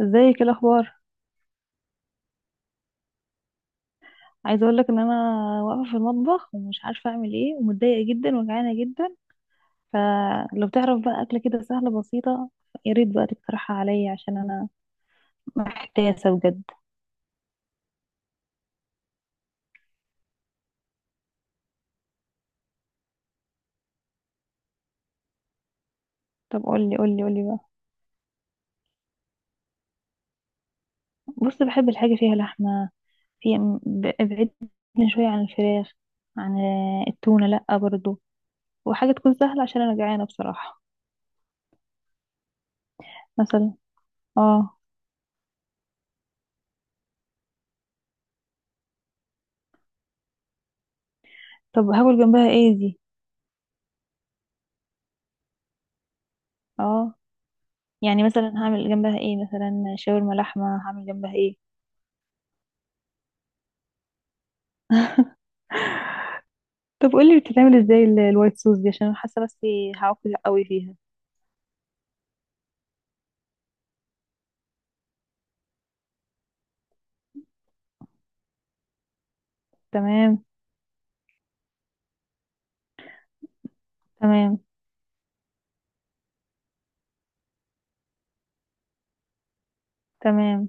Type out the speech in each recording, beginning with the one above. ازيك؟ إيه الاخبار؟ عايزه اقول لك ان انا واقفه في المطبخ ومش عارفه اعمل ايه ومتضايقه جدا وجعانه جدا. فلو تعرف بقى اكله كده سهله بسيطه، يا ريت بقى تقترحها عليا عشان انا محتاسه بجد. طب قولي قولي قولي بقى. بص، بحب الحاجه فيها لحمه. في، ابعدني شويه عن الفراخ. عن التونه لا برضو. وحاجه تكون سهله عشان انا جعانه بصراحه. مثلا، اه. طب هاكل جنبها ايه دي؟ اه، يعني مثلا هعمل جنبها ايه؟ مثلا شاورما لحمه، هعمل جنبها ايه؟ طب قولي بتتعمل ازاي الوايت صوص دي؟ عشان أنا حاسه نفسي هعقل قوي فيها. تمام، تمام، تمام.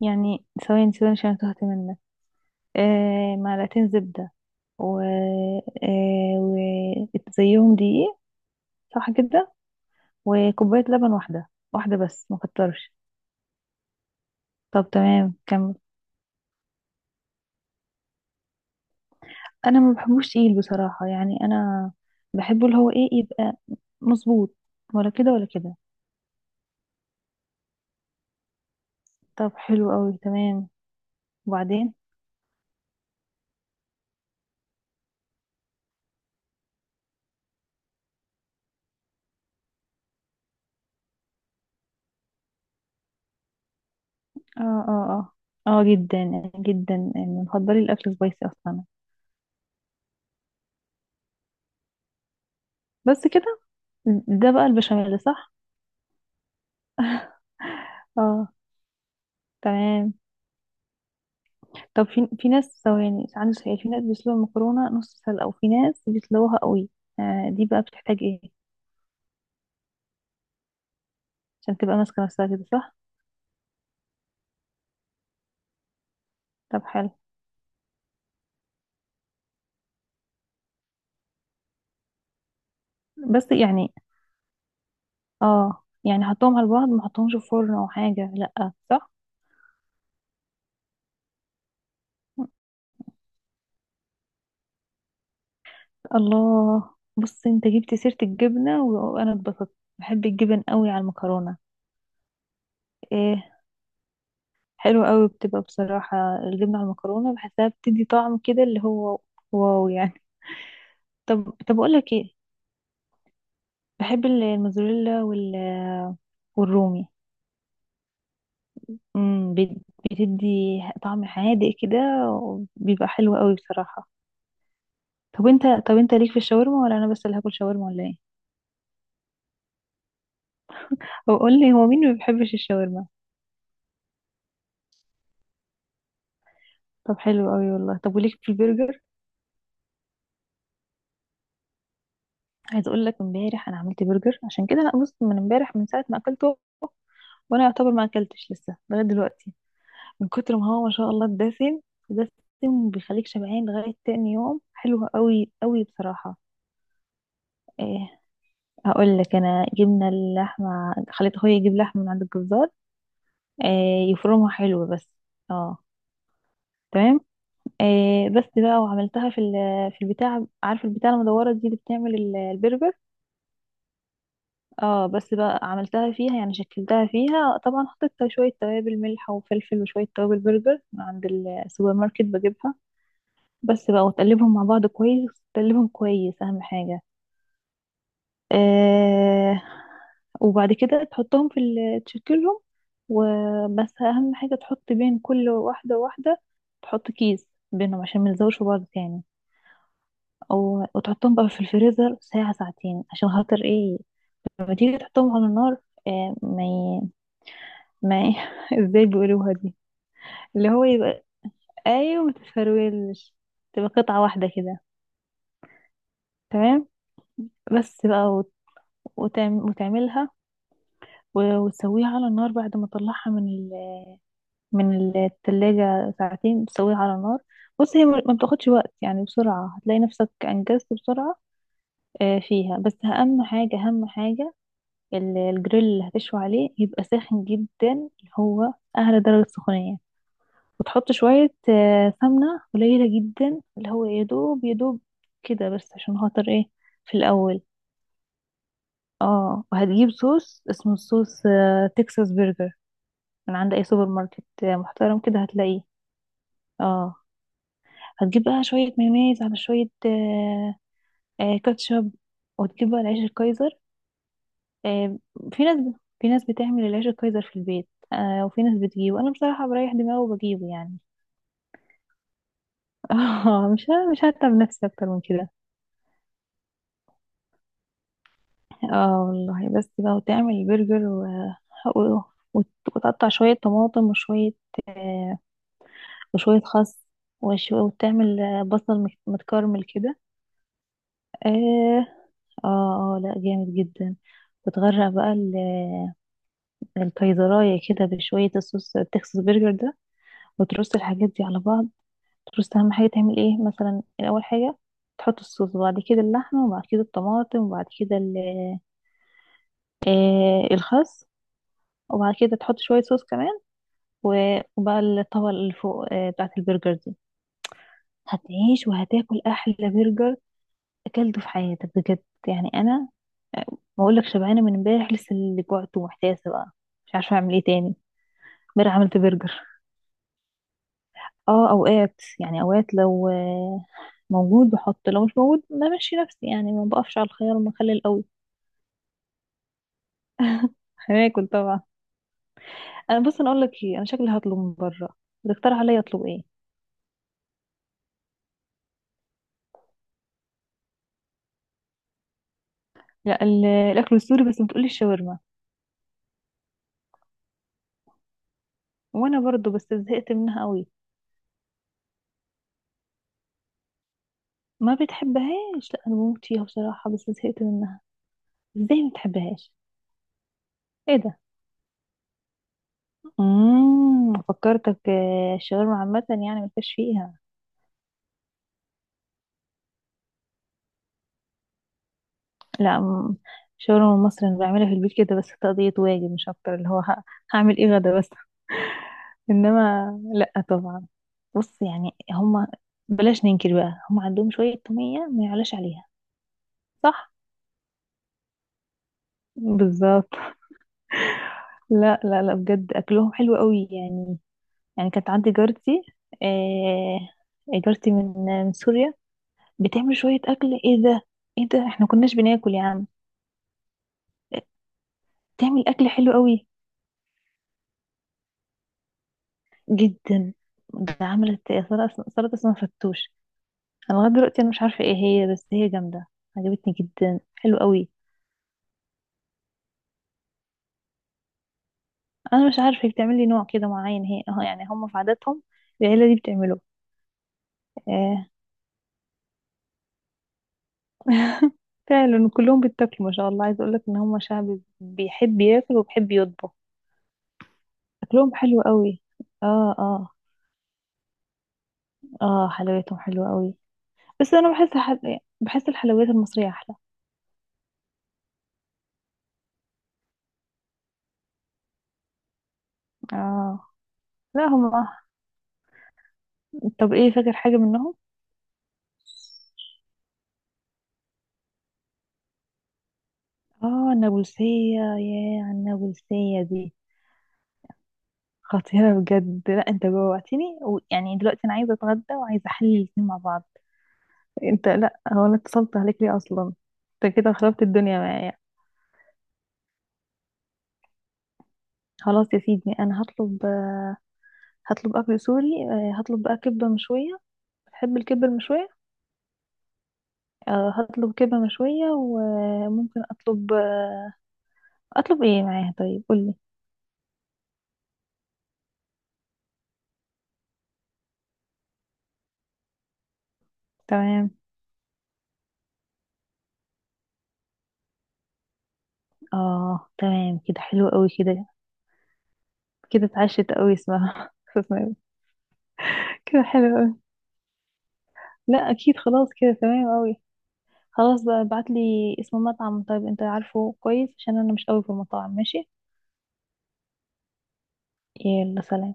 يعني ثواني ثواني، عشان أنا تهت منك. آه، معلقتين زبده. و وزيهم دقيق. صح كده؟ وكوبايه لبن، واحده واحده، بس ما كترش. طب تمام، كمل. انا ما بحبوش تقيل بصراحه، يعني انا بحبه اللي هو ايه، يبقى مظبوط. ولا كده ولا كده. طب حلو قوي، تمام. وبعدين؟ اه، اه، اه، اه جدا جدا يعني، مفضلي الاكل سبايسي اصلا. بس كده؟ ده بقى البشاميل، صح؟ اه، تمام. طب، في ناس، ثواني، عندي سؤال. في ناس بيسلقوا المكرونه نص سلقه، وفي ناس بيسلقوها قوي. آه، دي بقى بتحتاج ايه؟ عشان تبقى ماسكه نفسها كده، صح؟ طب حلو. بس يعني، اه يعني حطهم على بعض، ما حطهمش في فرن او حاجه، لا صح؟ الله! بص، انت جبت سيره الجبنه وانا اتبسطت، بحب الجبن قوي على المكرونه. إيه؟ حلو قوي، بتبقى بصراحة الجبنة على المكرونة بحسها بتدي طعم كده، اللي هو واو يعني. طب، طب اقول لك ايه، بحب الموزاريلا والرومي. امم، بتدي طعم حادق كده، وبيبقى حلو قوي بصراحة. طب انت، طب انت ليك في الشاورما، ولا انا بس اللي هاكل شاورما ولا ايه؟ هو قول لي، هو مين ما بيحبش الشاورما؟ طب حلو قوي والله. طب وليك في البرجر؟ عايز اقول لك، امبارح انا عملت برجر. عشان كده انا، بص، من امبارح من ساعة ما اكلته وانا يعتبر ما اكلتش لسه لغاية دلوقتي. من كتر ما هو ما شاء الله الدسم. دسم، بيخليك شبعان لغاية تاني يوم، حلو قوي قوي بصراحة. إيه؟ هقول لك. انا جبنا اللحمة، خليت اخويا يجيب لحمة من عند الجزار. إيه؟ يفرمها حلو بس. اه، تمام. إيه، بس بقى، وعملتها في في البتاع، عارف البتاع المدورة دي اللي بتعمل البرجر؟ اه، بس بقى عملتها فيها، يعني شكلتها فيها. طبعا حطيت شوية توابل، ملح وفلفل وشوية توابل برجر من عند السوبر ماركت بجيبها. بس بقى، وتقلبهم مع بعض كويس، تقلبهم كويس اهم حاجة. آه، وبعد كده تحطهم في تشكلهم. وبس اهم حاجة، تحط بين كل واحدة واحدة، تحط كيس بينهم عشان ما يلزقوش في بعض تاني. أو وتحطهم بقى في الفريزر ساعة ساعتين، عشان خاطر ايه؟ لما تيجي تحطهم على النار. آه، ما ي... ما ي... ازاي بيقولوها دي؟ اللي هو يبقى، ايوه، ما تتفرولش، تبقى قطعة واحدة كده. تمام. بس بقى وتعملها، وتسويها على النار بعد ما تطلعها من من التلاجة ساعتين، تسويها على النار. بص، هي ما بتاخدش وقت يعني، بسرعة هتلاقي نفسك أنجزت بسرعة. آه، فيها بس أهم حاجة، أهم حاجة الجريل اللي هتشوي عليه، يبقى ساخن جدا، اللي هو أعلى درجة سخونية. وتحط شوية سمنة قليلة جدا اللي هو يدوب يدوب كده بس، عشان خاطر ايه؟ في الأول. اه، وهتجيب صوص، اسمه صوص تكساس برجر، من عند اي سوبر ماركت محترم كده هتلاقيه. اه، هتجيب بقى شوية مايونيز على شوية، كاتشب. وتجيب بقى العيش الكايزر. آه، في ناس، في ناس بتعمل العيش الكايزر في البيت، آه، وفي ناس بتجيبه. انا بصراحة بريح دماغي وبجيبه يعني. اه، مش مش هتعب نفسي اكتر من كده. اه والله، بس بقى وتعمل برجر و... وت- وتقطع شوية طماطم وشوية، آه وشوية خس، وتعمل بصل متكرمل كده. آه، اه، اه، لا، جامد جدا. بتغرق بقى الكيزرايه كده بشويه الصوص التكساس برجر ده، وترص الحاجات دي على بعض. ترص اهم حاجه، تعمل ايه مثلا الاول حاجه؟ تحط الصوص، وبعد كده اللحمه، وبعد كده الطماطم، وبعد كده الخس. وبعد كده تحط شويه صوص كمان، وبقى الطبقه اللي فوق بتاعه البرجر دي. هتعيش وهتاكل احلى برجر اكلته في حياتك بجد. يعني انا، ما اقولك شبعانه من امبارح لسه اللي جوعت ومحتاسه بقى، مش عارفه اعمل ايه تاني. امبارح عملت برجر. اه، اوقات يعني، اوقات لو موجود بحط، لو مش موجود بمشي نفسي، يعني ما بقفش على الخيار المخلل قوي. هاكل طبعا. انا، بص، انا اقول لك ايه، انا شكلي هطلب من بره. بتقترح عليا اطلب ايه؟ لا، الاكل السوري، بس بتقولي الشاورما، وانا برضو بس زهقت منها قوي. ما بتحبهاش؟ لا انا بموت فيها بصراحه بس زهقت منها. ازاي ما بتحبهاش؟ ايه ده؟ امم، فكرتك الشاورما عامه يعني، ما فيش فيها. لا، شاورما مصري انا بعملها في البيت كده بس تقضية واجب، مش اكتر، اللي هو هعمل ايه غدا بس. انما لا طبعا. بص يعني هما، بلاش ننكر بقى، هما عندهم شوية تومية ما يعلاش عليها. صح، بالظبط. لا لا لا، بجد اكلهم حلو قوي يعني. يعني كانت عندي جارتي، آه، جارتي من سوريا. بتعمل شوية اكل، ايه ده؟ ايه ده احنا كناش بناكل يا عم. تعمل اكل حلو قوي جدا. ده عملت سلطة، سلطة اسمها فتوش. انا لغايه دلوقتي انا مش عارفه ايه هي، بس هي جامده. عجبتني جدا، حلو قوي. انا مش عارفه، هي بتعمل لي نوع كده معين، هي اه، يعني هم في عاداتهم العيله دي بتعمله. آه، فعلا كلهم بيتاكلوا ما شاء الله. عايز اقول لك ان هم شعب بيحب ياكل وبيحب يطبخ. اكلهم حلو قوي، اه، اه. اه، حلوياتهم حلوه قوي. بس انا بحس بحس الحلويات المصريه احلى. اه، لا هم. طب ايه، فاكر حاجه منهم؟ اه، النابلسيه، يا النابلسيه دي خطيرة بجد. لا، انت جوعتني ويعني دلوقتي انا عايزة اتغدى وعايزة احلل الاتنين مع بعض. انت، لا، هو انا اتصلت عليك ليه اصلا؟ انت كده خربت الدنيا معايا. خلاص يا سيدي، انا هطلب، هطلب اكل سوري. آه، هطلب بقى كبة مشوية. بتحب الكبة المشوية؟ آه، هطلب كبة مشوية، وممكن اطلب، اطلب ايه معاها طيب؟ قولي. تمام. اه، تمام كده، حلو قوي كده. كده اتعشت قوي، اسمها اسمها إيه؟ كده حلو قوي. لا اكيد، خلاص كده تمام قوي. خلاص بقى، ابعتلي اسم المطعم طيب، انت عارفه كويس عشان انا مش قوي في المطاعم. ماشي. يلا سلام.